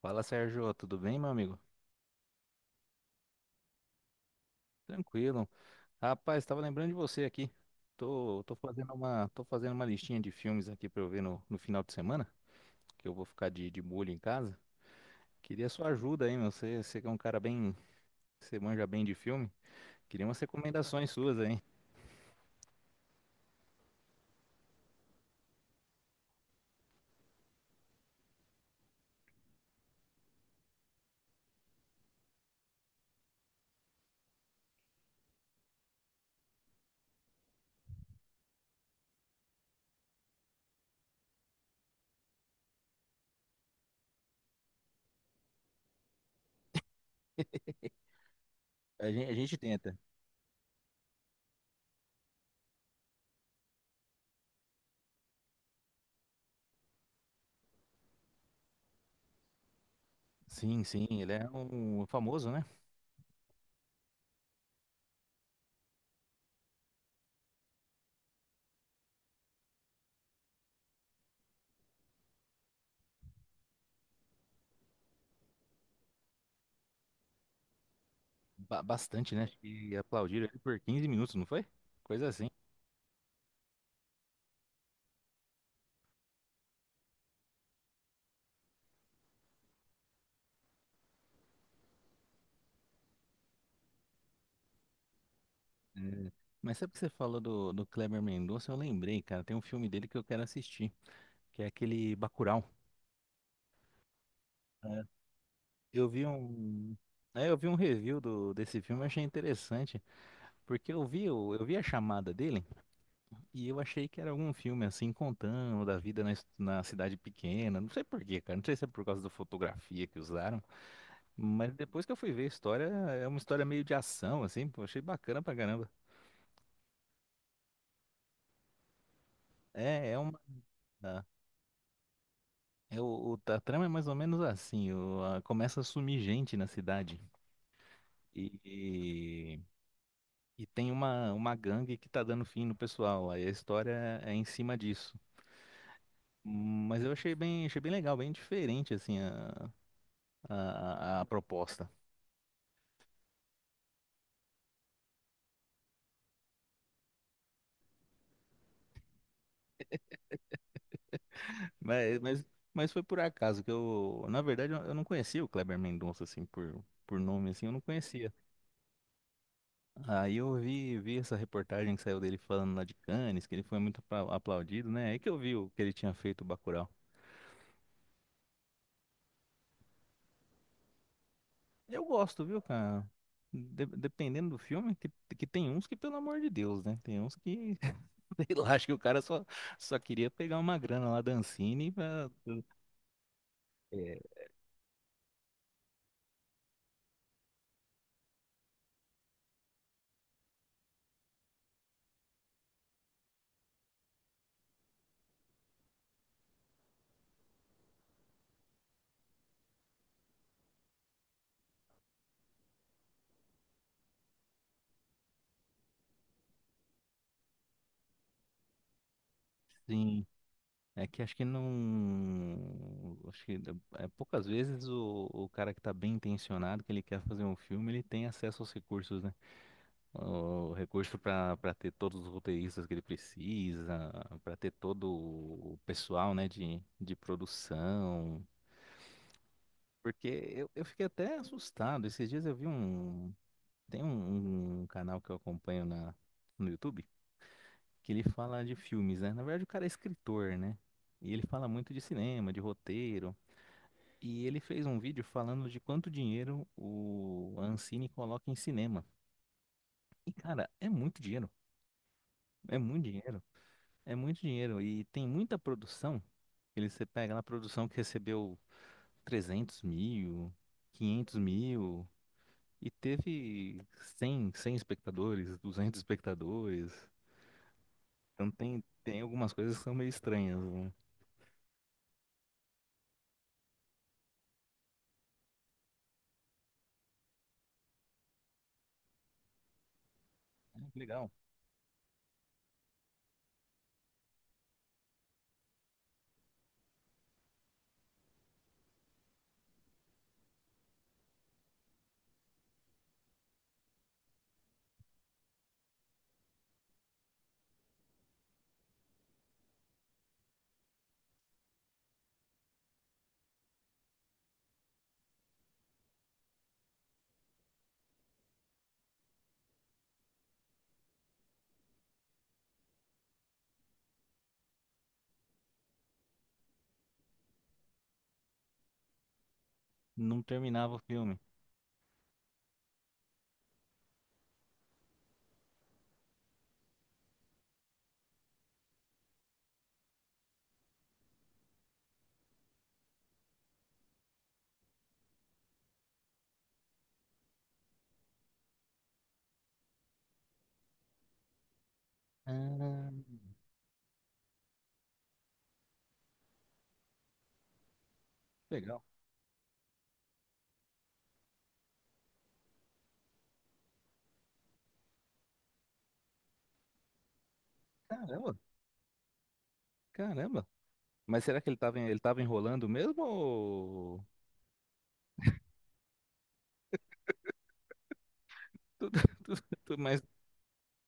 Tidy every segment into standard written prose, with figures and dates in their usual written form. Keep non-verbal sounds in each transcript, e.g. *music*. Fala, Sérgio, tudo bem, meu amigo? Tranquilo. Rapaz, estava lembrando de você aqui. Tô fazendo uma listinha de filmes aqui para eu ver no final de semana, que eu vou ficar de molho em casa. Queria sua ajuda aí, meu. Você que é um cara bem, você manja bem de filme. Queria umas recomendações suas aí. A gente tenta. Sim, sim, ele é um famoso, né? Bastante, né? Acho que aplaudiram ele por 15 minutos, não foi? Coisa assim. É. Mas sabe que você falou do Kleber Mendonça? Eu lembrei, cara. Tem um filme dele que eu quero assistir, que é aquele Bacurau, né? Eu vi um, eu vi um review desse filme, eu achei interessante, porque eu vi a chamada dele e eu achei que era algum filme assim contando da vida na cidade pequena, não sei por quê, cara, não sei se é por causa da fotografia que usaram, mas depois que eu fui ver a história, é uma história meio de ação assim, pô, achei bacana pra caramba. É, é uma Tá. É a trama é mais ou menos assim, começa a sumir gente na cidade. E, E tem uma gangue que tá dando fim no pessoal. Aí a história é em cima disso. Mas eu achei bem legal, bem diferente assim a proposta. Mas, mas, mas foi por acaso que eu, na verdade, eu não conhecia o Kleber Mendonça assim por, nome assim, eu não conhecia. Aí eu vi essa reportagem que saiu dele falando lá de Cannes, que ele foi muito aplaudido, né? Aí que eu vi o que ele tinha feito o Bacurau. Eu gosto, viu, cara? Dependendo do filme, que tem uns que, pelo amor de Deus, né? Tem uns que, *laughs* sei lá, acho que o cara só queria pegar uma grana lá da Ancine pra... É. Sim, é que acho que não... Acho que poucas vezes o cara que tá bem intencionado, que ele quer fazer um filme, ele tem acesso aos recursos, né? O recurso pra ter todos os roteiristas que ele precisa, pra ter todo o pessoal, né, de produção... Porque eu fiquei até assustado. Esses dias eu vi um. Tem um canal que eu acompanho no YouTube que ele fala de filmes, né? Na verdade, o cara é escritor, né? E ele fala muito de cinema, de roteiro. E ele fez um vídeo falando de quanto dinheiro o a Ancine coloca em cinema. E, cara, é muito dinheiro. É muito dinheiro. É muito dinheiro. E tem muita produção. Ele, você pega lá a produção que recebeu 300 mil, 500 mil. E teve cem espectadores, 200 espectadores. Então tem algumas coisas que são meio estranhas, né? Que legal. Não terminava o filme. Ah, legal. Caramba, caramba. Mas será que ele tava enrolando mesmo? Ou... Tudo, *laughs* mas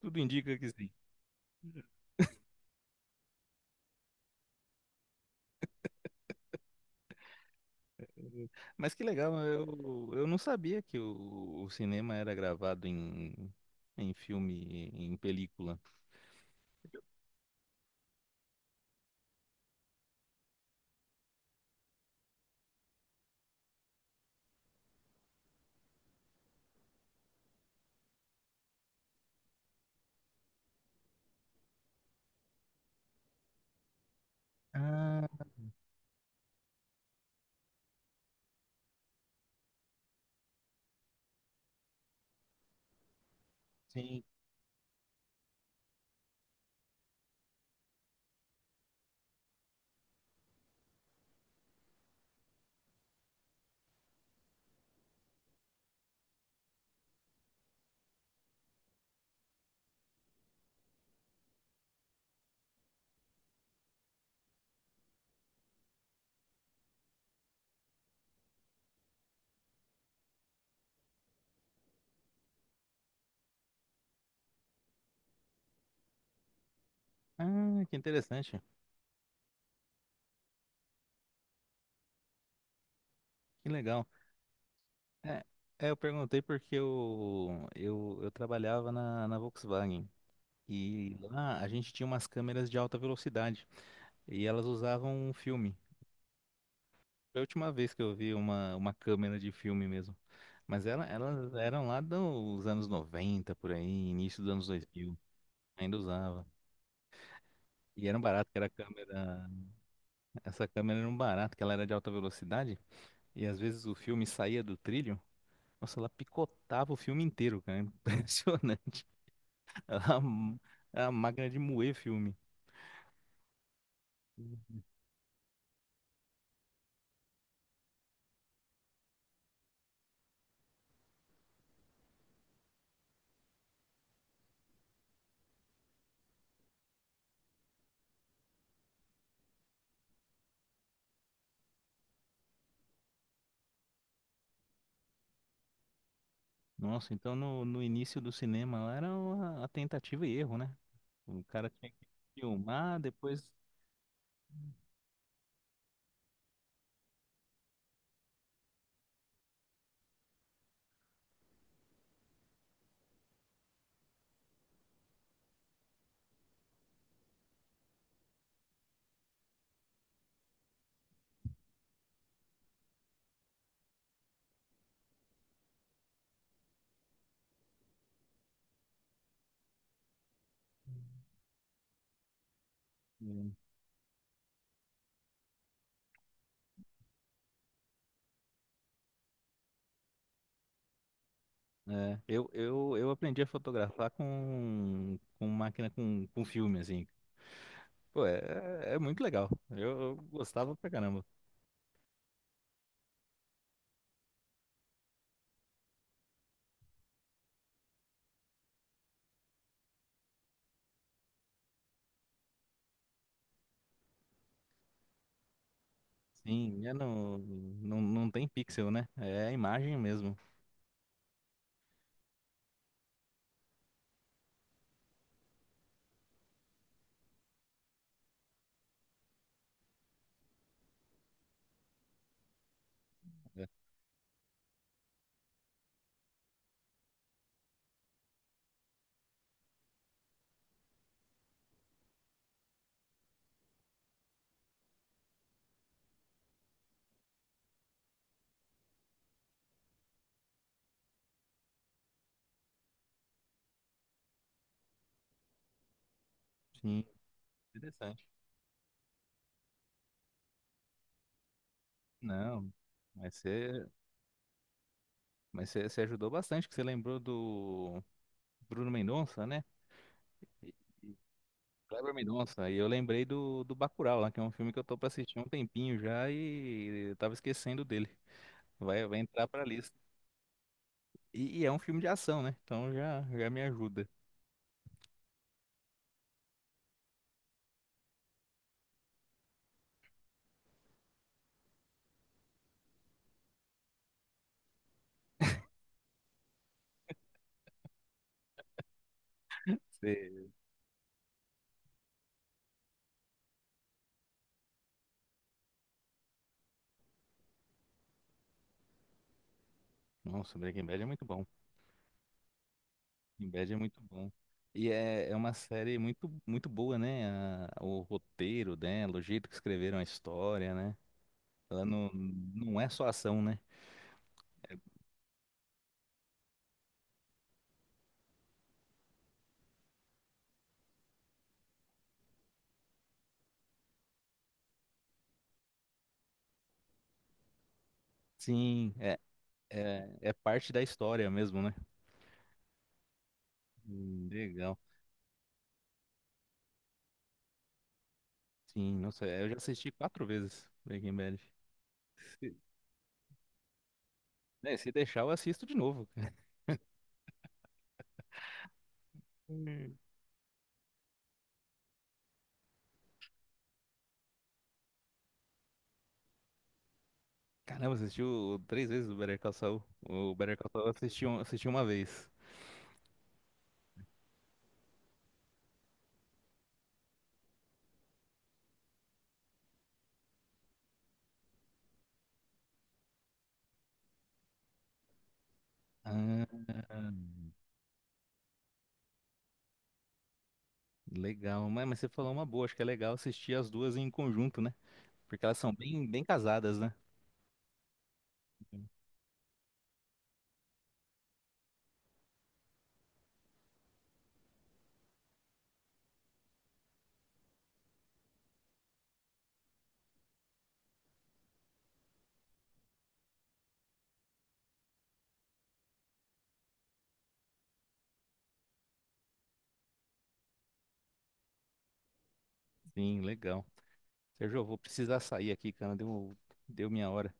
tudo indica que sim. Mas que legal, eu não sabia que o cinema era gravado em filme, em película. Ah, sim. Ah, que interessante. Que legal. É, eu perguntei porque eu trabalhava na Volkswagen e lá a gente tinha umas câmeras de alta velocidade e elas usavam um filme. Foi a última vez que eu vi uma câmera de filme mesmo. Mas elas eram lá dos anos 90 por aí, início dos anos 2000 ainda usava. E era um barato, que era a câmera. Essa câmera era um barato, que ela era de alta velocidade e às vezes o filme saía do trilho. Nossa, ela picotava o filme inteiro, cara. *laughs* Impressionante. Ela, *laughs* é a máquina de moer filme. Nossa, então no início do cinema lá era a tentativa e erro, né? O cara tinha que filmar, depois. É, eu aprendi a fotografar com máquina com filme, assim. Pô, é muito legal. Eu gostava pra caramba. Sim, não tem pixel, né? É a imagem mesmo. É, sim, interessante. Não, mas você, mas você ajudou bastante, que você lembrou Bruno Mendonça, né? E Kleber Mendonça. E eu lembrei do Bacurau, lá, que é um filme que eu tô pra assistir há um tempinho já e eu tava esquecendo dele. Vai entrar pra lista. E é um filme de ação, né? Então já me ajuda. Você... Nossa, Breaking Bad é muito bom. Breaking Bad é muito bom. E é uma série muito, muito boa, né? O roteiro dela, o jeito que escreveram a história, né? Ela não é só ação, né? Sim, é parte da história mesmo, né? Legal. Sim, nossa, eu já assisti 4 vezes Breaking Bad. Se, né, se deixar, eu assisto de novo, cara. Hum. Caramba, assistiu 3 vezes o Better Call Saul. O Better Call Saul eu assisti uma vez. Ah, legal. Mas você falou uma boa, acho que é legal assistir as duas em conjunto, né? Porque elas são bem, bem casadas, né? Sim, legal. Sérgio, eu vou precisar sair aqui, cara. Deu minha hora.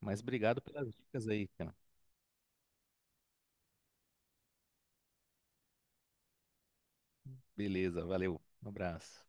Mas obrigado pelas dicas aí, cara. Beleza, valeu. Um abraço.